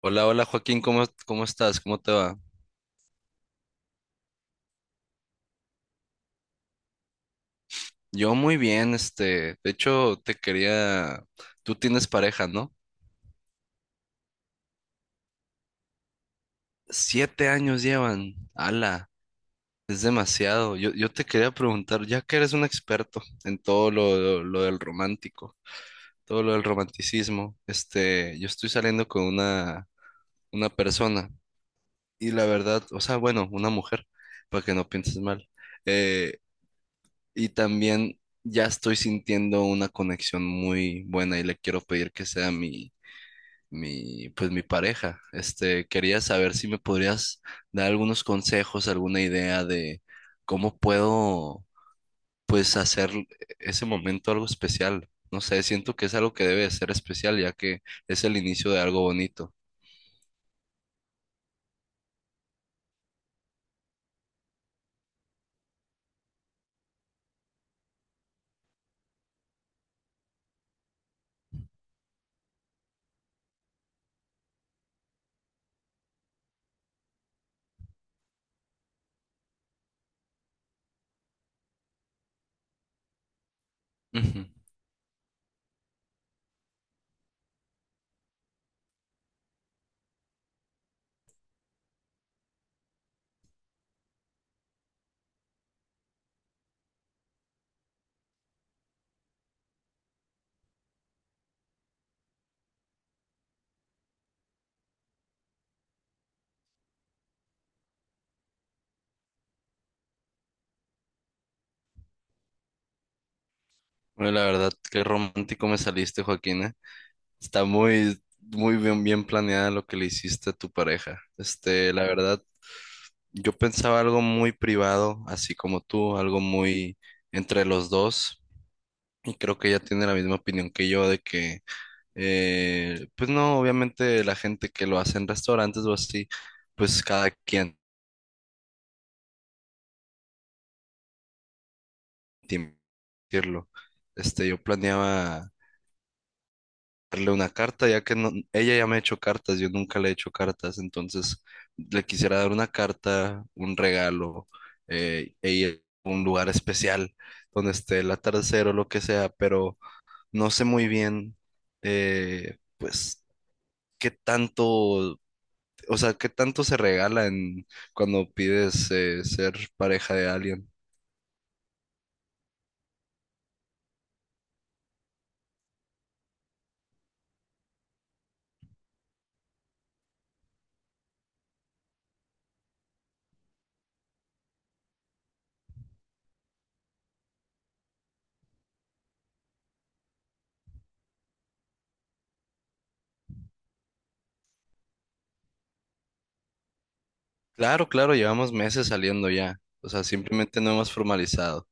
Hola, hola Joaquín, ¿cómo estás? ¿Cómo te va? Yo muy bien, este, de hecho te quería, tú tienes pareja, ¿no? 7 años llevan, ala, es demasiado. Yo te quería preguntar, ya que eres un experto en todo lo del romántico, todo lo del romanticismo, este, yo estoy saliendo con una persona y la verdad, o sea, bueno, una mujer, para que no pienses mal. Eh, Y también ya estoy sintiendo una conexión muy buena y le quiero pedir que sea pues mi pareja. Este, quería saber si me podrías dar algunos consejos, alguna idea de cómo puedo, pues, hacer ese momento algo especial. No sé, siento que es algo que debe de ser especial, ya que es el inicio de algo bonito. Ujú. Bueno, la verdad, qué romántico me saliste, Joaquín. Está muy bien, bien planeada lo que le hiciste a tu pareja. Este, la verdad, yo pensaba algo muy privado, así como tú, algo muy entre los dos. Y creo que ella tiene la misma opinión que yo de que, pues no, obviamente la gente que lo hace en restaurantes o así, pues cada quien tiene que decirlo. Este, yo planeaba darle una carta, ya que ella ya me ha hecho cartas, yo nunca le he hecho cartas, entonces le quisiera dar una carta, un regalo, e ir a un lugar especial donde esté el atardecer o lo que sea, pero no sé muy bien, pues, qué tanto, o sea, qué tanto se regala en, cuando pides ser pareja de alguien. Claro, claro, llevamos meses saliendo ya, o sea, simplemente no hemos formalizado.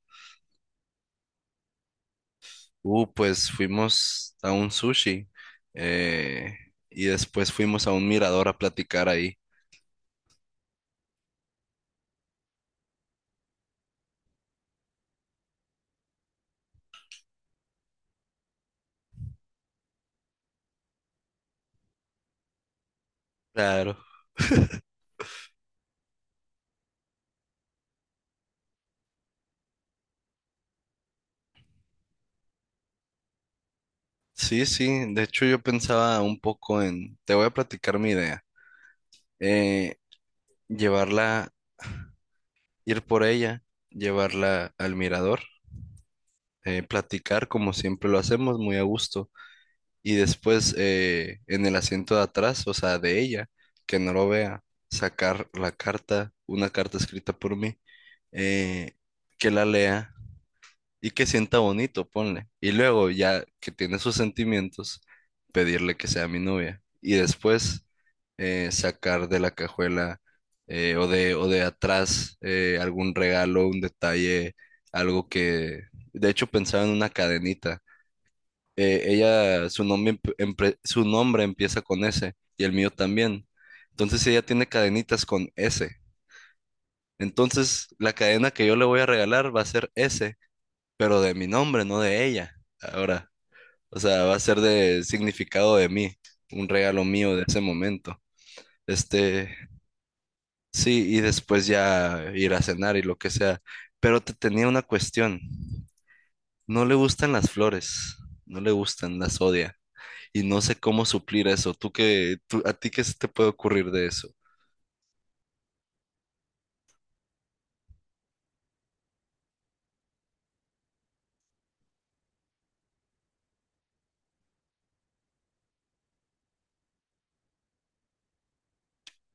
Pues fuimos a un sushi eh, y después fuimos a un mirador a platicar ahí. Claro. Sí, sí, de hecho yo pensaba un poco en, te voy a platicar mi idea, eh, llevarla, ir por ella, llevarla al mirador, platicar como siempre lo hacemos, muy a gusto, y después en el asiento de atrás, o sea, de ella, que no lo vea, sacar la carta, una carta escrita por mí, eh, que la lea y que sienta bonito, ponle. Y luego, ya que tiene sus sentimientos, pedirle que sea mi novia. Y después sacar de la cajuela o de atrás algún regalo, un detalle, algo que... De hecho, pensaba en una cadenita. Ella, su nombre, su nombre empieza con S y el mío también. Entonces ella tiene cadenitas con S. Entonces la cadena que yo le voy a regalar va a ser S pero de mi nombre, no de ella. Ahora, o sea, va a ser de significado de mí, un regalo mío de ese momento. Este, sí, y después ya ir a cenar y lo que sea. Pero te tenía una cuestión. No le gustan las flores, no le gustan, las odia. Y no sé cómo suplir eso. ¿ a ti qué se te puede ocurrir de eso?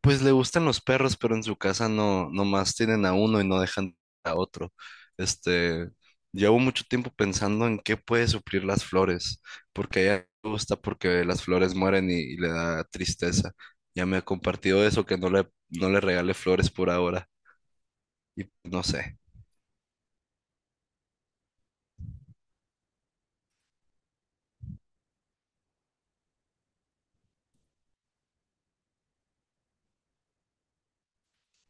Pues le gustan los perros, pero en su casa no, nomás tienen a uno y no dejan a otro. Este, llevo mucho tiempo pensando en qué puede suplir las flores, porque a ella le gusta porque las flores mueren y le da tristeza. Ya me ha compartido eso, que no le regale flores por ahora, y no sé.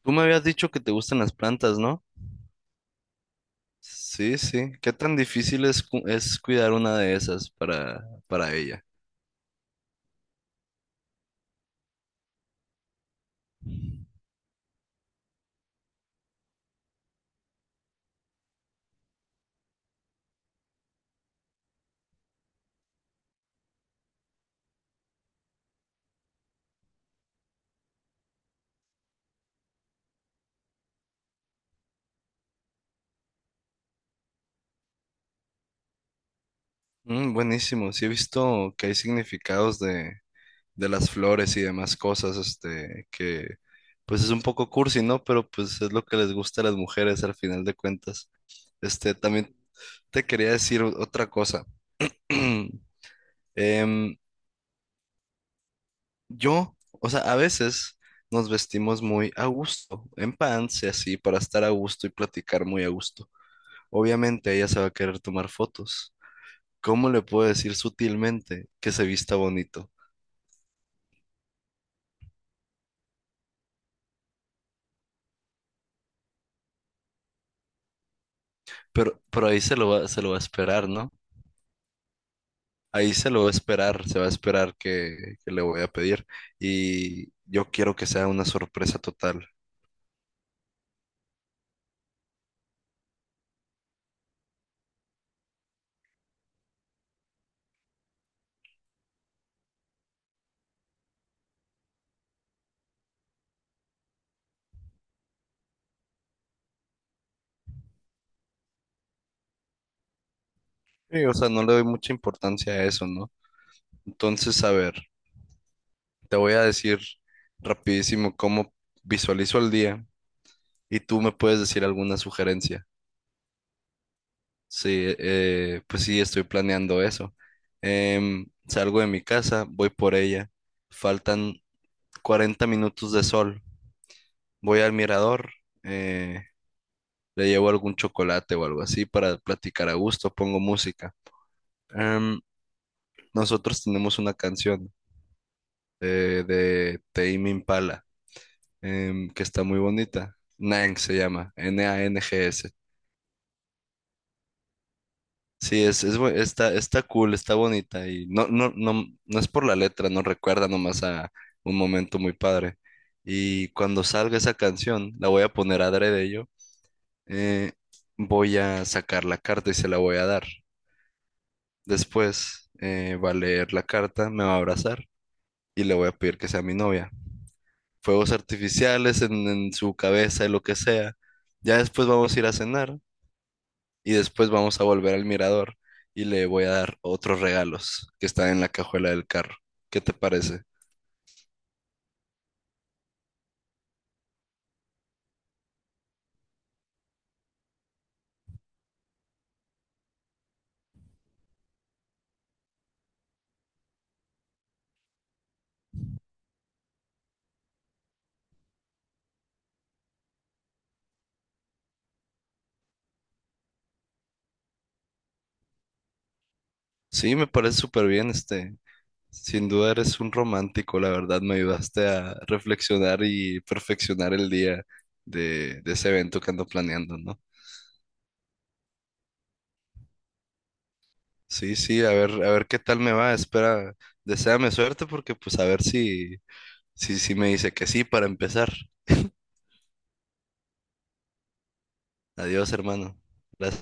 Tú me habías dicho que te gustan las plantas, ¿no? Sí, sí. ¿Qué tan difícil es, es cuidar una de esas para ella? Mm, buenísimo. Sí he visto que hay significados de las flores y demás cosas, este, que pues es un poco cursi, ¿no? Pero pues es lo que les gusta a las mujeres al final de cuentas. Este, también te quería decir otra cosa. Em, yo, o sea, a veces nos vestimos muy a gusto, en pants y así, para estar a gusto y platicar muy a gusto. Obviamente ella se va a querer tomar fotos. ¿Cómo le puedo decir sutilmente que se vista bonito? Pero ahí se lo va a esperar, ¿no? Ahí se lo va a esperar, se va a esperar que le voy a pedir. Y yo quiero que sea una sorpresa total. Sí, o sea, no le doy mucha importancia a eso, ¿no? Entonces, a ver, te voy a decir rapidísimo cómo visualizo el día y tú me puedes decir alguna sugerencia. Sí, pues sí, estoy planeando eso. Em, salgo de mi casa, voy por ella. Faltan 40 minutos de sol. Voy al mirador. eh, Le llevo algún chocolate o algo así para platicar a gusto, pongo música. Em, nosotros tenemos una canción de Tame Impala que está muy bonita. Nang se llama, NANGS. Sí, es está, está cool, está bonita y no es por la letra, nos recuerda nomás a un momento muy padre. Y cuando salga esa canción, la voy a poner adrede yo, eh, voy a sacar la carta y se la voy a dar. Después va a leer la carta, me va a abrazar y le voy a pedir que sea mi novia. Fuegos artificiales en su cabeza y lo que sea. Ya después vamos a ir a cenar y después vamos a volver al mirador y le voy a dar otros regalos que están en la cajuela del carro. ¿Qué te parece? Sí, me parece súper bien, este. Sin duda eres un romántico, la verdad me ayudaste a reflexionar y perfeccionar el día de ese evento que ando planeando, ¿no? Sí, sí, a ver qué tal me va. Espera, deséame suerte porque pues a ver si, si me dice que sí para empezar. Adiós, hermano. Gracias.